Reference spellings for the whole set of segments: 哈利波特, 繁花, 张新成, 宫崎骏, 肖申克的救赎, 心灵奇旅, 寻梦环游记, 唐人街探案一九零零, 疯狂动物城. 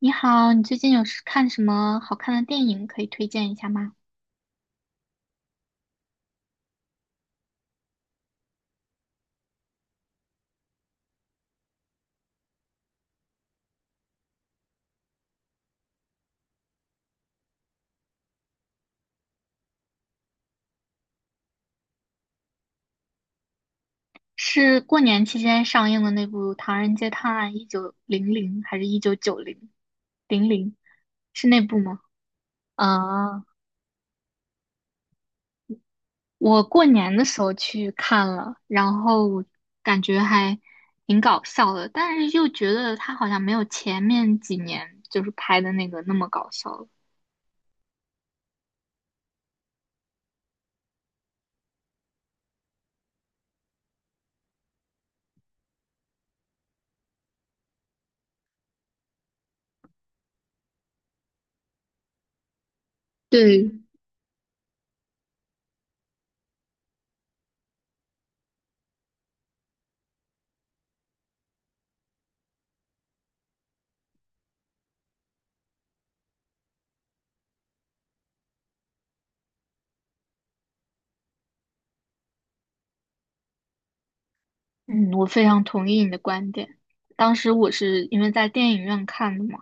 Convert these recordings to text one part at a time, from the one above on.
你好，你最近是看什么好看的电影可以推荐一下吗？是过年期间上映的那部《唐人街探案1900》还是一九九零零零？是那部吗？啊，我过年的时候去看了，然后感觉还挺搞笑的，但是又觉得他好像没有前面几年就是拍的那个那么搞笑了。对，嗯，我非常同意你的观点。当时我是因为在电影院看的嘛，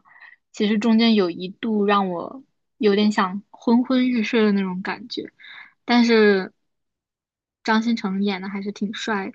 其实中间有一度让我有点想昏昏欲睡的那种感觉，但是张新成演的还是挺帅的。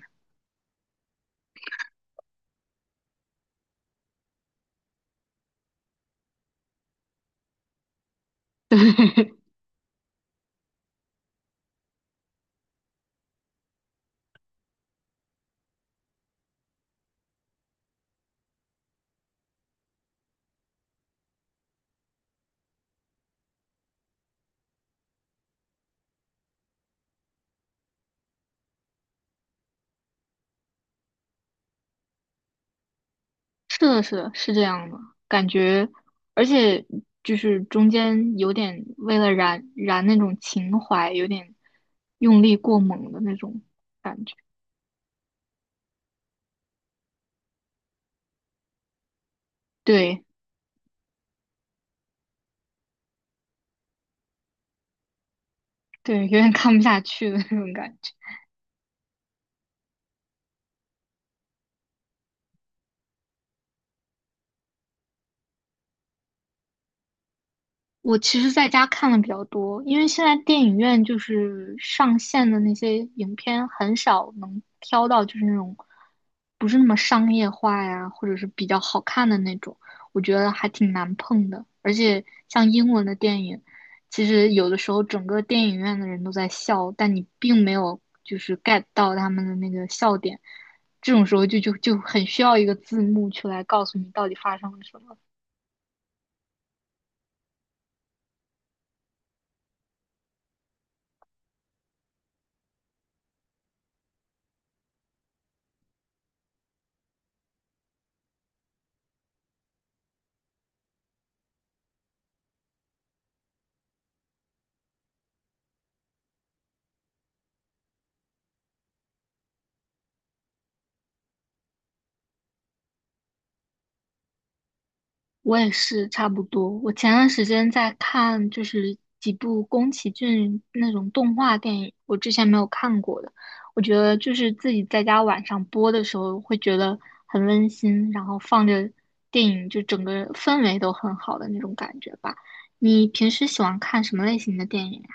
是的，是的，是这样的感觉，而且就是中间有点为了燃燃那种情怀，有点用力过猛的那种感觉，对对，有点看不下去的那种感觉。我其实在家看的比较多，因为现在电影院就是上线的那些影片很少能挑到，就是那种不是那么商业化呀，或者是比较好看的那种，我觉得还挺难碰的。而且像英文的电影，其实有的时候整个电影院的人都在笑，但你并没有就是 get 到他们的那个笑点，这种时候就很需要一个字幕去来告诉你到底发生了什么。我也是差不多。我前段时间在看，就是几部宫崎骏那种动画电影，我之前没有看过的。我觉得就是自己在家晚上播的时候，会觉得很温馨，然后放着电影，就整个氛围都很好的那种感觉吧。你平时喜欢看什么类型的电影呀？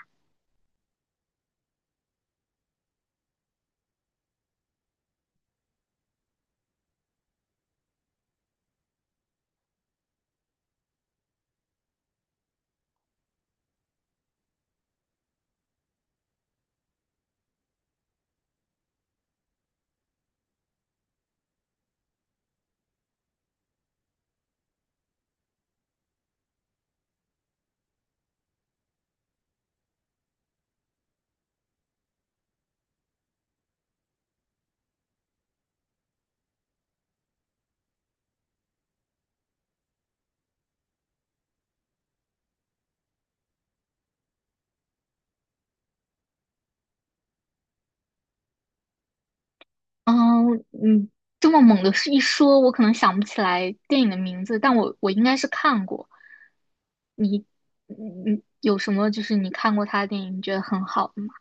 嗯，你这么猛的一说，我可能想不起来电影的名字，但我应该是看过。你你有什么就是你看过他的电影你觉得很好的吗？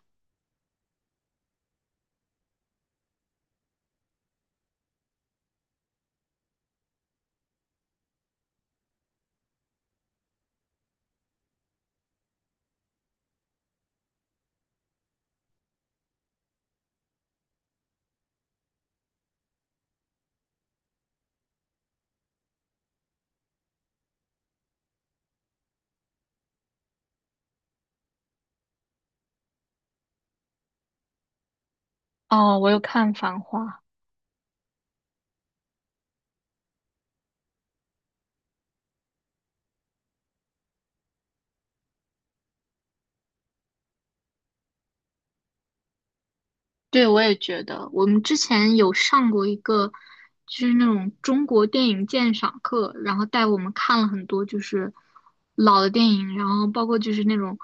哦，我有看《繁花》，对，我也觉得我们之前有上过一个就是那种中国电影鉴赏课，然后带我们看了很多就是老的电影，然后包括就是那种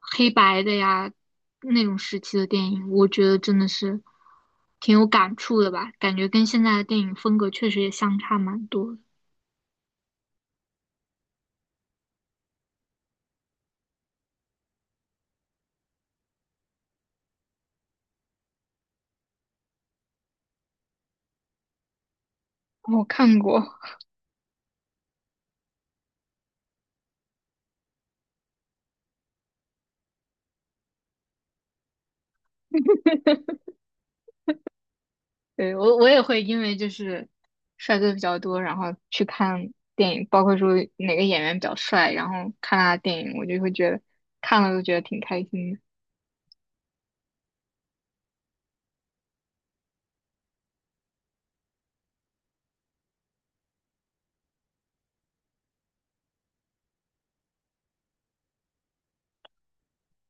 黑白的呀那种时期的电影，我觉得真的是挺有感触的吧，感觉跟现在的电影风格确实也相差蛮多的。我看过，对，我也会因为就是帅哥比较多，然后去看电影，包括说哪个演员比较帅，然后看他的电影，我就会觉得看了都觉得挺开心的。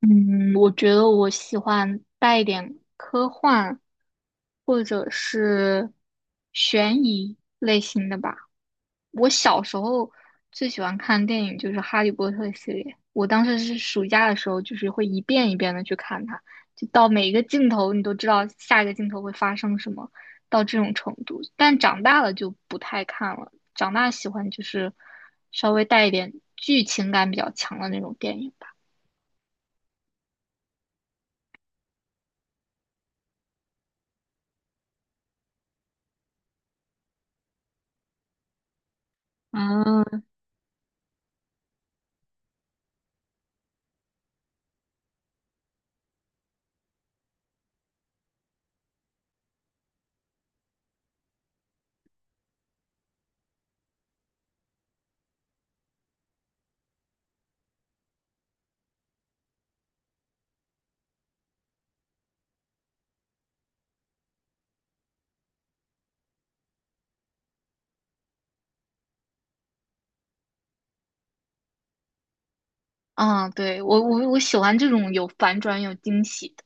嗯，我觉得我喜欢带一点科幻或者是悬疑类型的吧。我小时候最喜欢看电影就是《哈利波特》系列，我当时是暑假的时候，就是会一遍一遍的去看它，就到每一个镜头你都知道下一个镜头会发生什么，到这种程度。但长大了就不太看了，长大喜欢就是稍微带一点剧情感比较强的那种电影吧。嗯。嗯，对，我喜欢这种有反转、有惊喜的。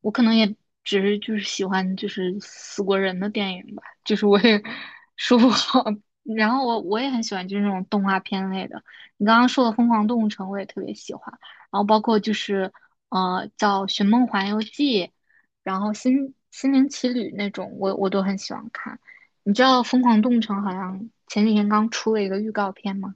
我可能也只是就是喜欢就是死过人的电影吧，就是我也 说不好。然后我也很喜欢就是那种动画片类的。你刚刚说的《疯狂动物城》，我也特别喜欢。然后包括就是叫《寻梦环游记》，然后心灵奇旅那种，我都很喜欢看。你知道《疯狂动物城》好像前几天刚出了一个预告片吗？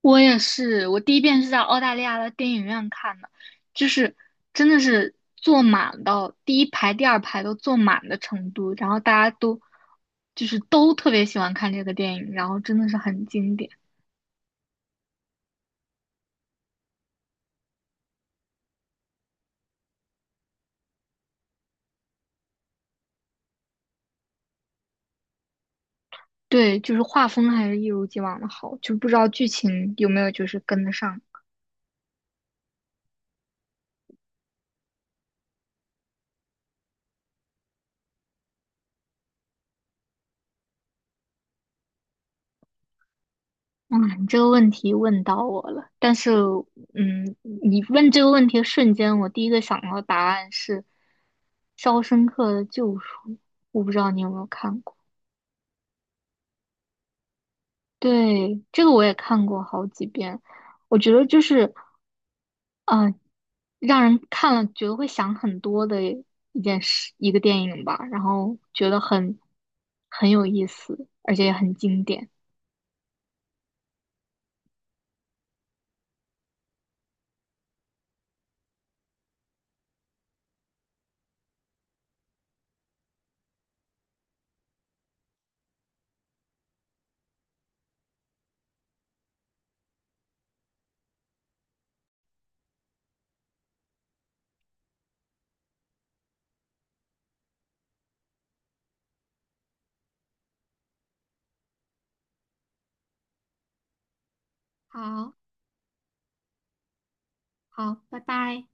我也是，我第一遍是在澳大利亚的电影院看的，就是真的是坐满到第一排、第二排都坐满的程度，然后大家都就是都特别喜欢看这个电影，然后真的是很经典。对，就是画风还是一如既往的好，就不知道剧情有没有就是跟得上。哇，你这个问题问到我了，但是，嗯，你问这个问题的瞬间，我第一个想到的答案是《肖申克的救赎》，我不知道你有没有看过。对，这个我也看过好几遍，我觉得就是，呃，让人看了觉得会想很多的一件事，一个电影吧，然后觉得很有意思，而且也很经典。好好，拜拜。